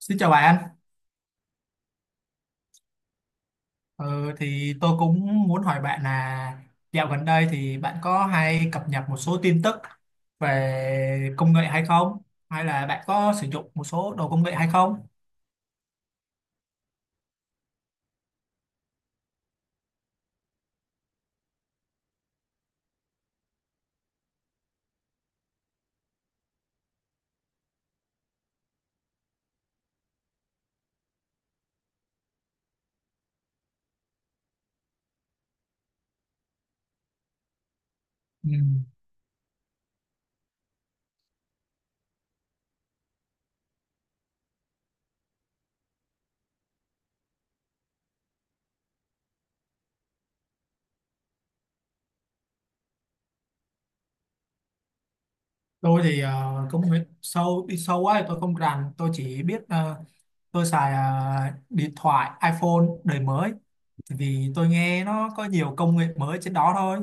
Xin chào bạn. ờ, thì tôi cũng muốn hỏi bạn là dạo gần đây thì bạn có hay cập nhật một số tin tức về công nghệ hay không? Hay là bạn có sử dụng một số đồ công nghệ hay không? Ừ. Tôi thì công nghệ sâu đi sâu quá thì tôi không rành, tôi chỉ biết tôi xài điện thoại iPhone đời mới, vì tôi nghe nó có nhiều công nghệ mới trên đó thôi.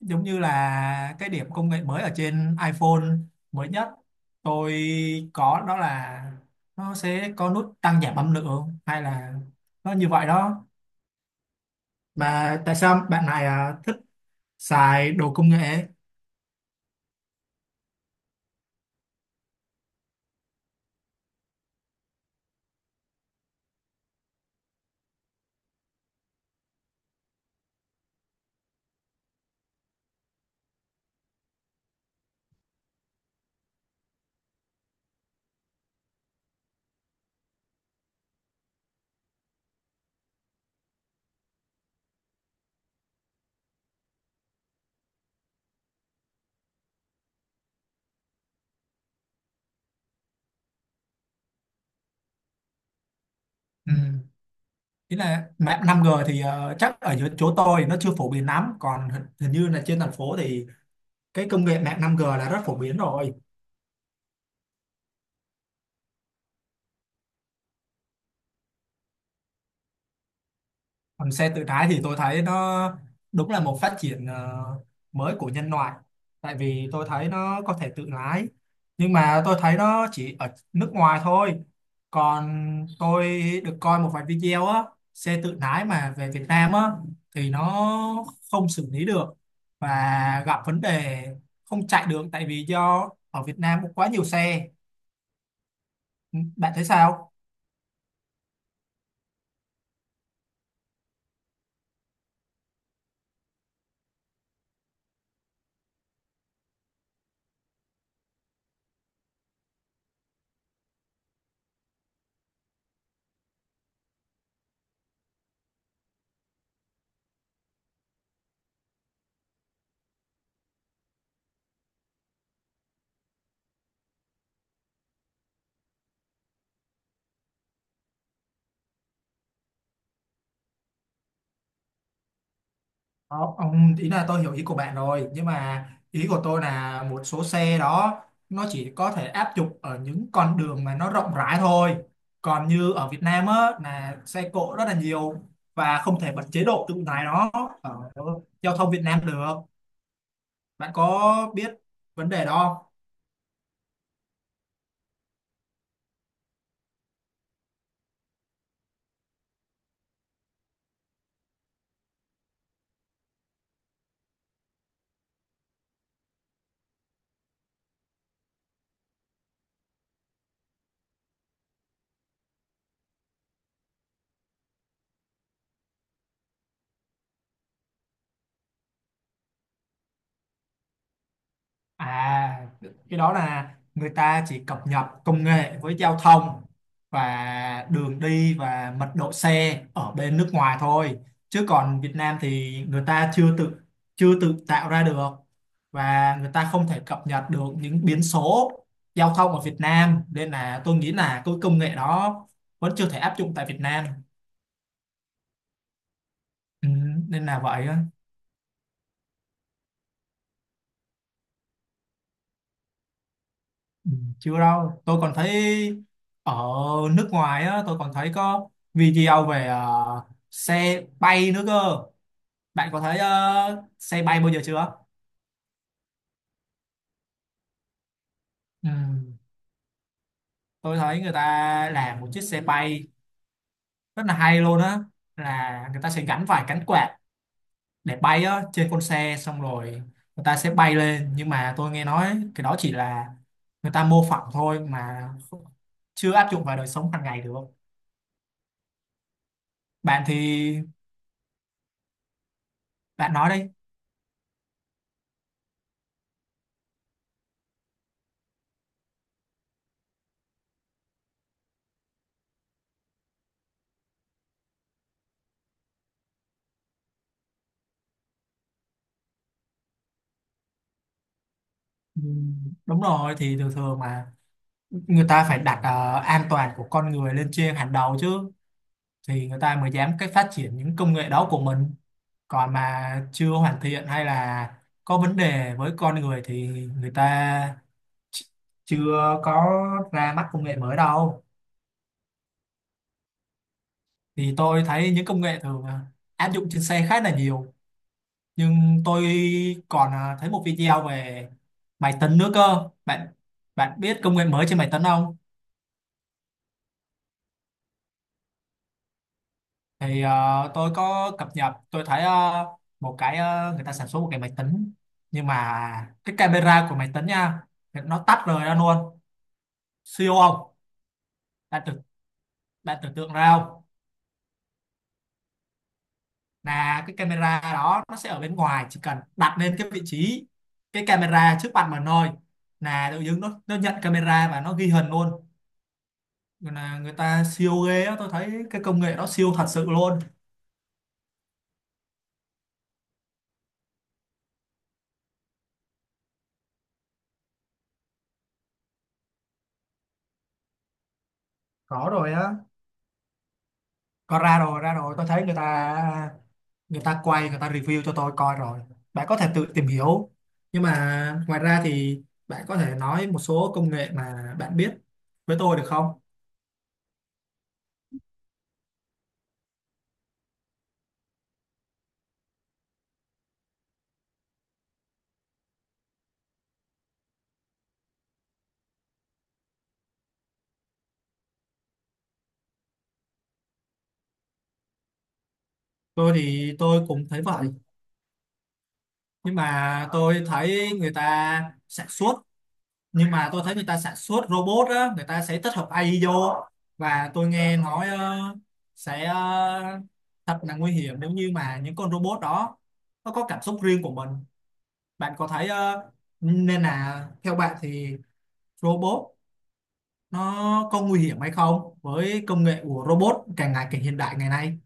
Giống như là cái điểm công nghệ mới ở trên iPhone mới nhất tôi có, đó là nó sẽ có nút tăng giảm âm lượng, hay là nó như vậy đó. Mà tại sao bạn này à, thích xài đồ công nghệ? Ừ. Ý là mạng 5G thì chắc ở dưới chỗ tôi thì nó chưa phổ biến lắm, còn hình hình như là trên thành phố thì cái công nghệ mạng 5G là rất phổ biến rồi. Còn xe tự lái thì tôi thấy nó đúng là một phát triển mới của nhân loại, tại vì tôi thấy nó có thể tự lái, nhưng mà tôi thấy nó chỉ ở nước ngoài thôi. Còn tôi được coi một vài video á, xe tự lái mà về Việt Nam á, thì nó không xử lý được và gặp vấn đề, không chạy được tại vì do ở Việt Nam có quá nhiều xe. Bạn thấy sao? Không, ông ý là tôi hiểu ý của bạn rồi, nhưng mà ý của tôi là một số xe đó nó chỉ có thể áp dụng ở những con đường mà nó rộng rãi thôi. Còn như ở Việt Nam á là xe cộ rất là nhiều, và không thể bật chế độ tự lái nó ở giao thông Việt Nam được. Bạn có biết vấn đề đó không? À, cái đó là người ta chỉ cập nhật công nghệ với giao thông và đường đi và mật độ xe ở bên nước ngoài thôi. Chứ còn Việt Nam thì người ta chưa tự tạo ra được, và người ta không thể cập nhật được những biến số giao thông ở Việt Nam, nên là tôi nghĩ là cái công nghệ đó vẫn chưa thể áp dụng tại Việt Nam. Ừ, nên là vậy. Ừ, chưa đâu. Tôi còn thấy ở nước ngoài á, tôi còn thấy có video về xe bay nữa cơ. Bạn có thấy xe bay bao giờ chưa? Ừ, tôi thấy người ta làm một chiếc xe bay rất là hay luôn á, là người ta sẽ gắn phải cánh quạt để bay á trên con xe, xong rồi người ta sẽ bay lên. Nhưng mà tôi nghe nói cái đó chỉ là người ta mô phỏng thôi mà, chưa áp dụng vào đời sống hàng ngày được. Bạn thì bạn nói đi. Ừ, đúng rồi. Thì thường thường mà người ta phải đặt an toàn của con người lên trên hàng đầu chứ, thì người ta mới dám cái phát triển những công nghệ đó của mình. Còn mà chưa hoàn thiện hay là có vấn đề với con người thì người ta ch- chưa có ra mắt công nghệ mới đâu. Thì tôi thấy những công nghệ thường áp dụng trên xe khá là nhiều, nhưng tôi còn thấy một video về máy tính nữa cơ bạn. Bạn biết công nghệ mới trên máy tính không? Thì tôi có cập nhật, tôi thấy một cái người ta sản xuất một cái máy tính, nhưng mà cái camera của máy tính nha, nó tách rời ra luôn. Siêu không? bạn tưởng Bạn tưởng tượng ra không? Là cái camera đó nó sẽ ở bên ngoài, chỉ cần đặt lên cái vị trí cái camera trước mặt mình thôi, là tự dưng nó nhận camera và nó ghi hình luôn. Nên là người ta siêu ghê á, tôi thấy cái công nghệ đó siêu thật sự luôn. Có rồi á. Có, ra rồi, ra rồi. Tôi thấy người ta, người ta quay, người ta review cho tôi coi rồi. Bạn có thể tự tìm hiểu. Nhưng mà ngoài ra thì bạn có thể nói một số công nghệ mà bạn biết với tôi được không? Tôi thì tôi cũng thấy vậy. Nhưng mà tôi thấy người ta sản xuất, nhưng mà tôi thấy người ta sản xuất robot á, người ta sẽ tích hợp AI vô. Và tôi nghe nói sẽ thật là nguy hiểm nếu như mà những con robot đó nó có cảm xúc riêng của mình. Bạn có thấy nên là theo bạn thì robot nó có nguy hiểm hay không với công nghệ của robot càng ngày càng hiện đại ngày nay?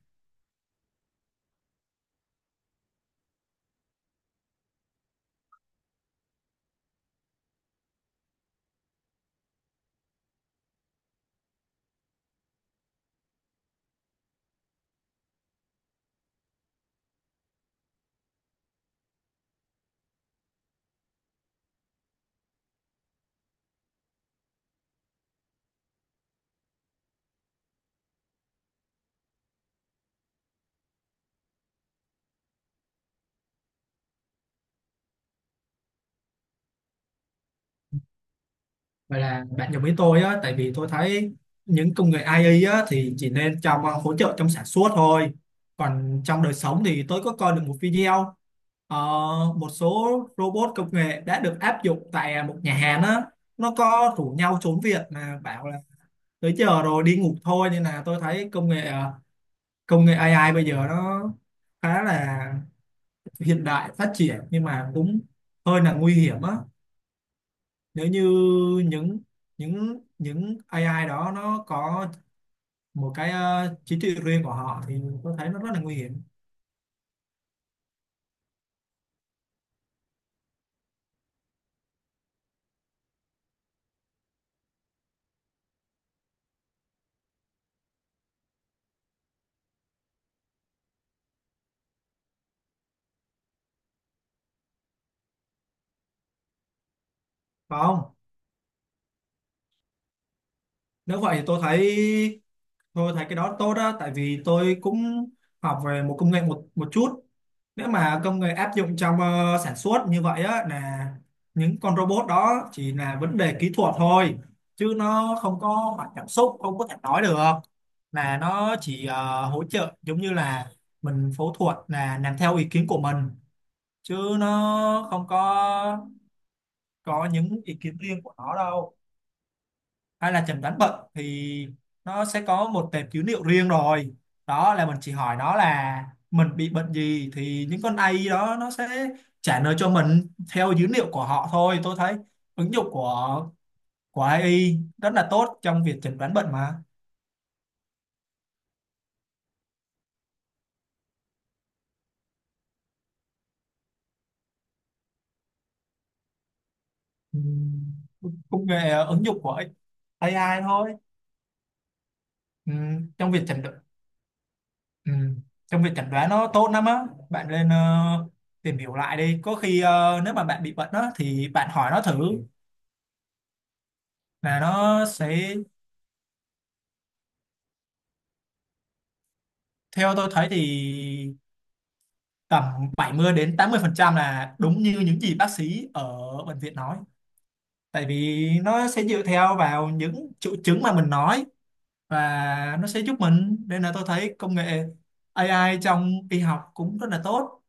Vậy là bạn đồng ý tôi á. Tại vì tôi thấy những công nghệ AI á thì chỉ nên trong hỗ trợ trong sản xuất thôi. Còn trong đời sống thì tôi có coi được một video ờ, một số robot công nghệ đã được áp dụng tại một nhà hàng á, nó có rủ nhau trốn việc mà bảo là tới giờ rồi đi ngủ thôi. Nên là tôi thấy công nghệ công nghệ AI bây giờ nó khá là hiện đại phát triển, nhưng mà cũng hơi là nguy hiểm á, nếu như những những AI đó nó có một cái trí tuệ riêng của họ thì tôi thấy nó rất là nguy hiểm. Phải không? Nếu vậy thì tôi thấy, tôi thấy cái đó tốt đó. Tại vì tôi cũng học về một công nghệ một một chút. Nếu mà công nghệ áp dụng trong sản xuất như vậy á, là những con robot đó chỉ là vấn đề kỹ thuật thôi, chứ nó không có mặt cảm xúc, không có thể nói được. Là nó chỉ hỗ trợ, giống như là mình phẫu thuật là làm theo ý kiến của mình, chứ nó không có có những ý kiến riêng của nó đâu. Hay là chẩn đoán bệnh thì nó sẽ có một tệp dữ liệu riêng rồi, đó là mình chỉ hỏi nó là mình bị bệnh gì, thì những con AI đó nó sẽ trả lời cho mình theo dữ liệu của họ thôi. Tôi thấy ứng dụng của AI rất là tốt trong việc chẩn đoán bệnh mà. Ừm, công nghệ ứng dụng của AI thôi. Trong việc chẩn đoán, ừm, trong việc chẩn đoán nó tốt lắm á. Bạn lên tìm hiểu lại đi, có khi nếu mà bạn bị bệnh đó thì bạn hỏi nó thử, là nó sẽ. Theo tôi thấy thì tầm 70% đến 80% là đúng như những gì bác sĩ ở bệnh viện nói. Tại vì nó sẽ dựa theo vào những triệu chứng mà mình nói, và nó sẽ giúp mình. Nên là tôi thấy công nghệ AI trong y học cũng rất là tốt.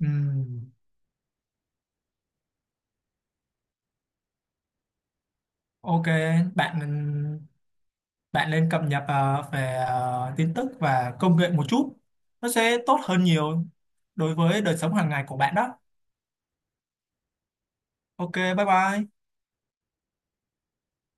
Ừm, ok bạn bạn nên cập nhật về tin tức và công nghệ một chút, nó sẽ tốt hơn nhiều đối với đời sống hàng ngày của bạn đó. Ok, bye bye.